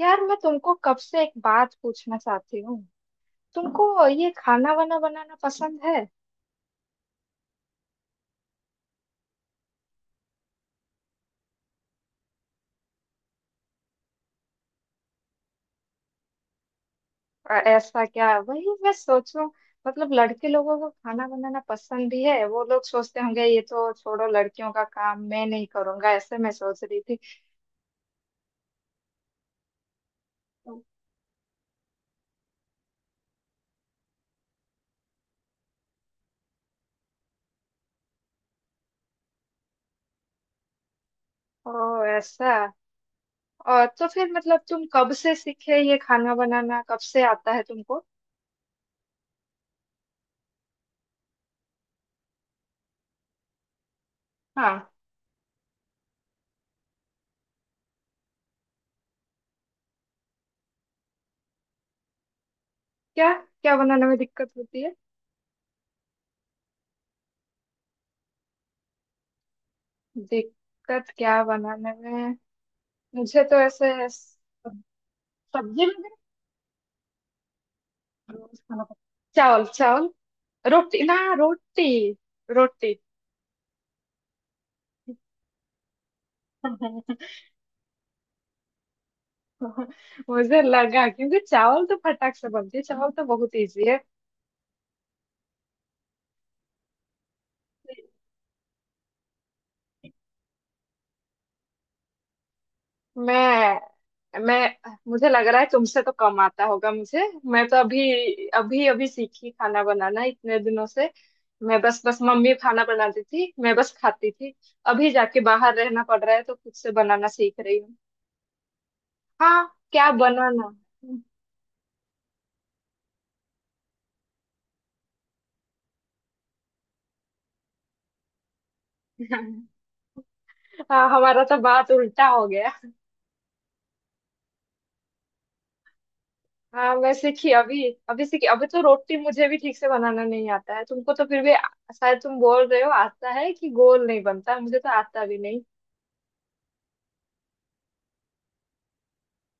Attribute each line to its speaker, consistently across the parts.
Speaker 1: यार मैं तुमको कब से एक बात पूछना चाहती हूँ। तुमको ये खाना वाना बनाना पसंद है? ऐसा क्या वही मैं सोचूं। मतलब लड़के लोगों को खाना बनाना पसंद भी है, वो लोग सोचते होंगे ये तो छोड़ो लड़कियों का काम मैं नहीं करूंगा, ऐसे मैं सोच रही थी। ओ ऐसा। और तो फिर मतलब तुम कब से सीखे ये खाना बनाना, कब से आता है तुमको? हाँ। क्या क्या बनाने में दिक्कत होती है? दिक्कत क्या बनाने में? मुझे तो ऐसे। सब्जी में भी। रोज खाना पड़ता। चावल चावल। रोटी ना रोटी। रोटी। मुझे लगा क्योंकि चावल तो फटाक से बनती है, चावल तो बहुत इजी है। मैं, मुझे लग रहा है तुमसे तो कम आता होगा मुझे। मैं तो अभी अभी अभी सीखी खाना बनाना इतने दिनों से। मैं बस बस मम्मी खाना बनाती थी, मैं बस खाती थी। अभी जाके बाहर रहना पड़ रहा है तो खुद से बनाना सीख रही हूँ। हाँ, क्या बनाना। हाँ, हमारा तो बात उल्टा हो गया। हाँ, मैं सीखी अभी। अभी सीखी। अभी तो रोटी मुझे भी ठीक से बनाना नहीं आता है, तुमको तो फिर भी शायद तुम बोल रहे हो आता है कि गोल नहीं बनता, मुझे तो आता भी नहीं।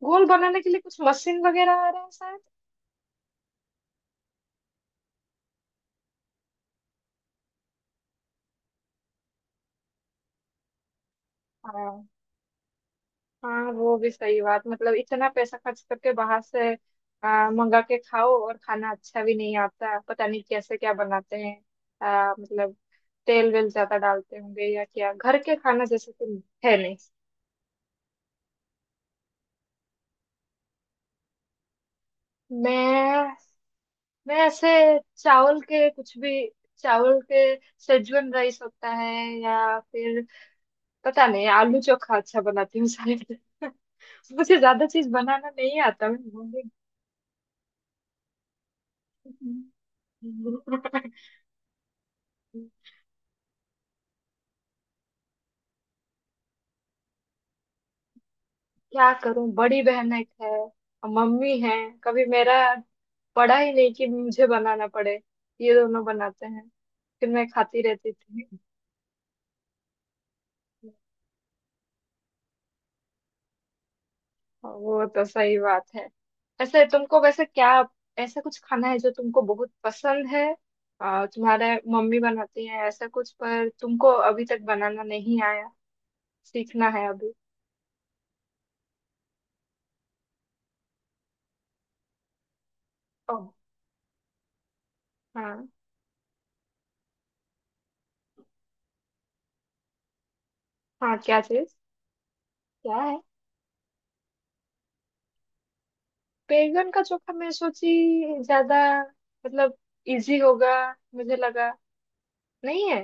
Speaker 1: गोल बनाने के लिए कुछ मशीन वगैरह आ रहा है शायद। हाँ। हाँ, वो भी सही बात। मतलब इतना पैसा खर्च करके बाहर से मंगा के खाओ, और खाना अच्छा भी नहीं आता, पता नहीं कैसे क्या बनाते हैं। मतलब तेल वेल ज्यादा डालते होंगे या क्या, घर के खाना जैसे तो है नहीं। मैं मैं ऐसे, चावल के कुछ भी। चावल के सेजवन राइस होता है। या फिर पता नहीं, आलू चोखा अच्छा बनाती हूँ शायद। मुझे ज्यादा चीज बनाना नहीं आता। क्या करूं, बड़ी बहन एक है और मम्मी है। कभी मेरा पड़ा ही नहीं कि मुझे बनाना पड़े। ये दोनों बनाते हैं, फिर मैं खाती रहती थी। वो तो सही बात है। ऐसे तुमको वैसे क्या, ऐसा कुछ खाना है जो तुमको बहुत पसंद है? तुम्हारे मम्मी बनाती है ऐसा कुछ, पर तुमको अभी तक बनाना नहीं आया, सीखना है अभी। ओ। हाँ। हाँ, क्या चीज? क्या है? बैगन का चोखा मैं सोची ज्यादा, मतलब इजी होगा, मुझे लगा नहीं है।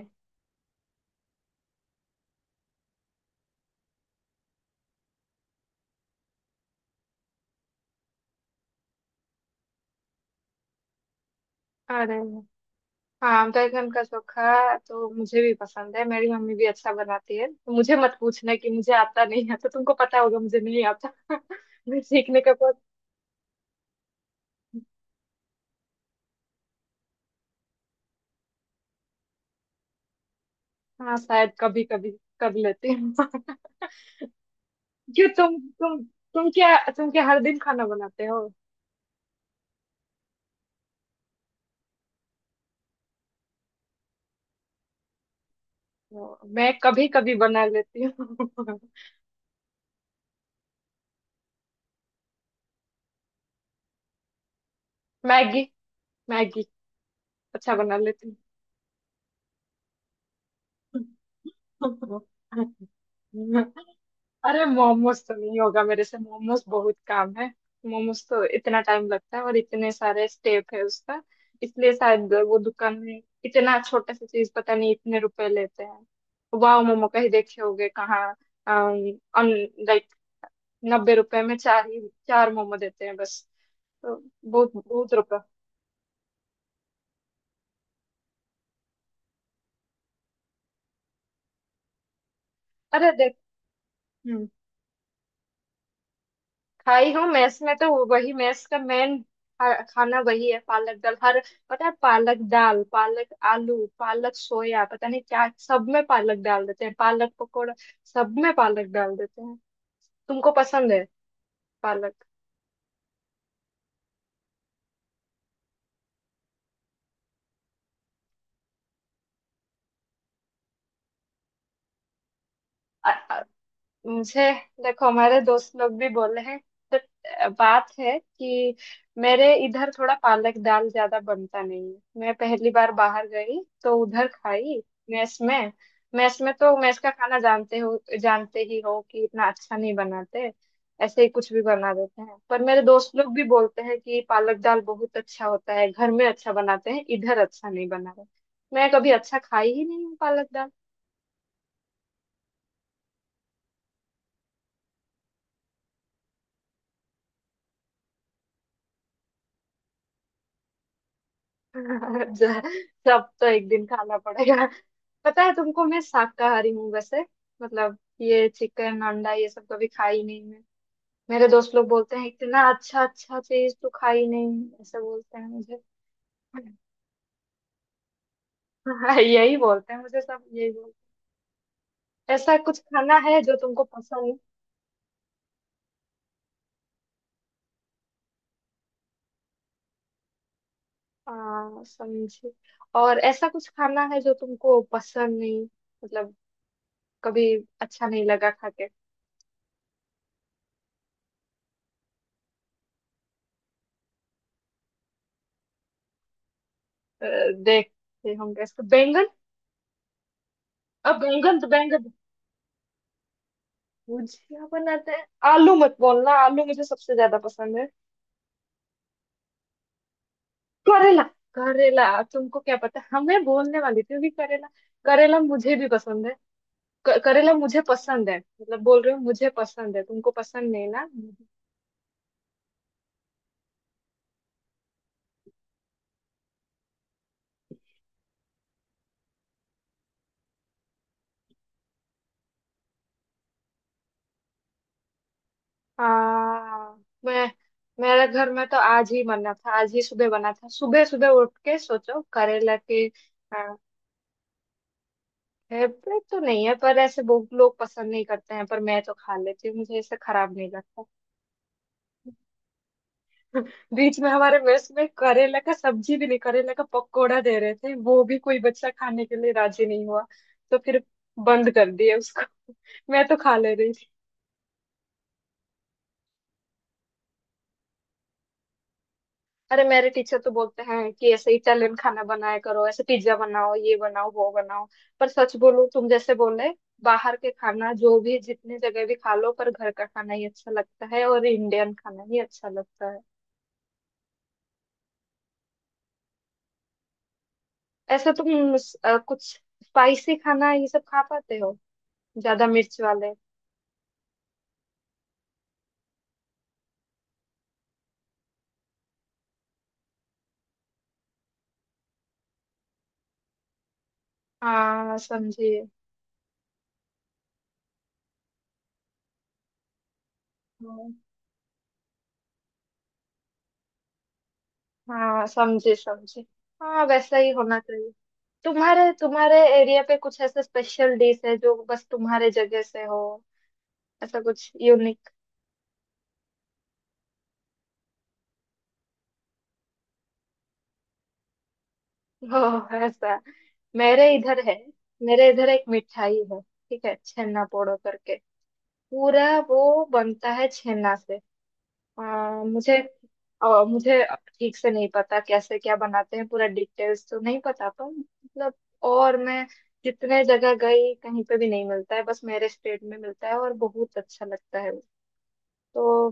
Speaker 1: अरे हाँ, बैगन का चोखा तो मुझे भी पसंद है, मेरी मम्मी भी अच्छा बनाती है। तो मुझे मत पूछना कि मुझे आता नहीं आता, तुमको पता होगा मुझे नहीं आता। मैं सीखने का बहुत। हाँ, शायद कभी कभी कर लेती हूँ। क्यों, तुम क्या हर दिन खाना बनाते हो? तो मैं कभी कभी बना लेती हूँ। मैगी। मैगी अच्छा बना लेती हूँ। अरे, मोमोज तो नहीं होगा मेरे से, मोमोज बहुत काम है। मोमोज तो इतना टाइम लगता है और इतने सारे स्टेप है उसका। इसलिए शायद वो दुकान में इतना छोटा सा चीज पता नहीं इतने रुपए लेते हैं। वाह, मोमो का ही देखे होगे कहाँ। लाइक, 90 रुपए में चार ही, चार मोमो देते हैं बस। तो बहुत बहुत रुपए। अरे देख। हम्म। खाई हूँ मेस में तो। वही मेस का मेन खाना वही है, पालक दाल हर। पता है, पालक दाल, पालक आलू, पालक सोया, पता नहीं क्या सब में पालक डाल देते हैं, पालक पकौड़ा, सब में पालक डाल देते हैं। तुमको पसंद है पालक? मुझे, देखो हमारे दोस्त लोग भी बोले हैं, तो बात है कि मेरे इधर थोड़ा पालक दाल ज्यादा बनता नहीं है। मैं पहली बार बाहर गई तो उधर खाई, मेस में। मेस में तो मेस का खाना जानते हो, जानते ही हो कि इतना अच्छा नहीं बनाते। ऐसे ही कुछ भी बना देते हैं, पर मेरे दोस्त लोग भी बोलते हैं कि पालक दाल बहुत अच्छा होता है, घर में अच्छा बनाते हैं, इधर अच्छा नहीं बना रहे। मैं कभी अच्छा खाई ही नहीं हूँ पालक दाल। जा- सब तो एक दिन खाना पड़ेगा। पता है तुमको, मैं शाकाहारी हूँ वैसे। मतलब ये चिकन अंडा ये सब कभी खाई नहीं मैं। मेरे दोस्त लोग बोलते हैं इतना अच्छा अच्छा चीज तो खाई नहीं, ऐसे बोलते हैं मुझे। हाँ, यही बोलते हैं मुझे सब, यही बोलते हैं। ऐसा कुछ खाना है जो तुमको पसंद? समझे। और ऐसा कुछ खाना है जो तुमको पसंद नहीं, मतलब कभी अच्छा नहीं लगा खा के? अ, देखते होंगे इसको, बैंगन? अब बैंगन तो बैंगन भुजिया बनाते हैं। आलू मत बोलना, आलू मुझे सबसे ज्यादा पसंद है। करेला। करेला। तुमको क्या पता, हमें बोलने वाली थी भी करेला। करेला मुझे भी पसंद है। करेला मुझे पसंद है, मतलब बोल रही हूँ मुझे पसंद है, तुमको पसंद नहीं ना। हाँ। मैं, मेरे घर में तो आज ही बना था, आज ही सुबह बना था, सुबह सुबह उठ के सोचो करेला के। हाँ, फेवरेट तो नहीं है, पर ऐसे बहुत लोग पसंद नहीं करते हैं पर मैं तो खा लेती हूँ, मुझे ऐसे खराब नहीं लगता। बीच में हमारे मेस में करेला का सब्जी भी नहीं, करेला का पकोड़ा दे रहे थे, वो भी कोई बच्चा खाने के लिए राजी नहीं हुआ। तो फिर बंद कर दिया उसको। मैं तो खा ले रही थी। अरे मेरे टीचर तो बोलते हैं कि ऐसे इटालियन खाना बनाया करो, ऐसे पिज्जा बनाओ, ये बनाओ, वो बनाओ। पर सच बोलूं, तुम जैसे बोले, बाहर के खाना जो भी जितनी जगह भी खा लो, पर घर का खाना ही अच्छा लगता है, और इंडियन खाना ही अच्छा लगता है। ऐसे तुम कुछ स्पाइसी खाना ये सब खा पाते हो, ज्यादा मिर्च वाले? हाँ समझी। हाँ। हाँ, समझी समझी। हाँ, वैसा ही होना चाहिए। तुम्हारे तुम्हारे एरिया पे कुछ ऐसे स्पेशल डिश है जो बस तुम्हारे जगह से हो, ऐसा कुछ यूनिक हो ऐसा? मेरे इधर है। मेरे इधर एक मिठाई है, ठीक है, छेना पोड़ो करके। पूरा वो बनता है छेना से। मुझे, मुझे ठीक से नहीं पता कैसे क्या बनाते हैं, पूरा डिटेल्स तो नहीं पता, पर मतलब, और मैं जितने जगह गई कहीं पे भी नहीं मिलता है, बस मेरे स्टेट में मिलता है, और बहुत अच्छा लगता है वो। तो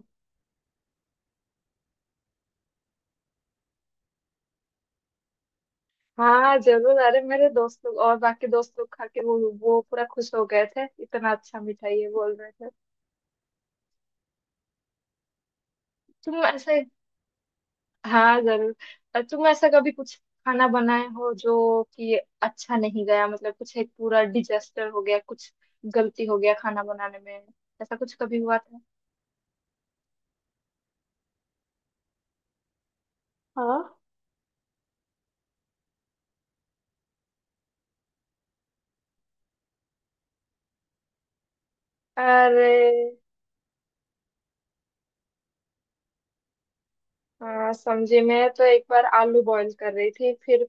Speaker 1: हाँ, जरूर। अरे मेरे दोस्त लोग और बाकी दोस्त लोग खा के वो पूरा खुश हो गए थे, इतना अच्छा मिठाई है बोल रहे थे। तुम ऐसे, हाँ जरूर। तुम ऐसा कभी कुछ खाना बनाए हो जो कि अच्छा नहीं गया, मतलब कुछ एक पूरा डिजास्टर हो गया, कुछ गलती हो गया खाना बनाने में, ऐसा कुछ कभी हुआ था? हाँ। अरे हाँ, समझे। मैं तो एक बार आलू बॉईल कर रही थी, फिर,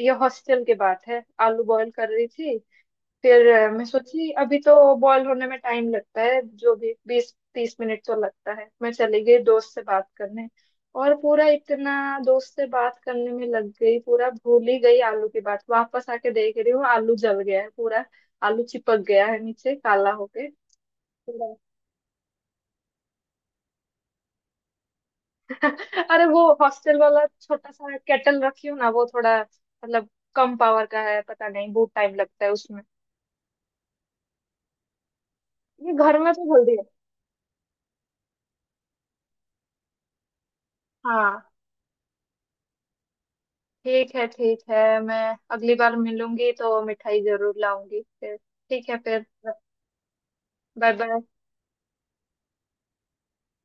Speaker 1: ये हॉस्टल की बात है, आलू बॉईल कर रही थी, फिर मैं सोची अभी तो बॉयल होने में टाइम लगता है, जो भी 20-30 मिनट तो लगता है, मैं चली गई दोस्त से बात करने, और पूरा इतना दोस्त से बात करने में लग गई, पूरा भूल ही गई आलू की बात, वापस आके देख रही हूँ आलू जल गया है पूरा, आलू चिपक गया है नीचे काला होके पूरा। अरे वो हॉस्टल वाला छोटा सा केटल रखी हूँ ना, वो थोड़ा मतलब कम पावर का है पता नहीं, बहुत टाइम लगता है उसमें। ये घर में तो जल्दी है। हाँ, ठीक है ठीक है। मैं अगली बार मिलूंगी तो मिठाई जरूर लाऊंगी फिर। ठीक है फिर। Bye bye.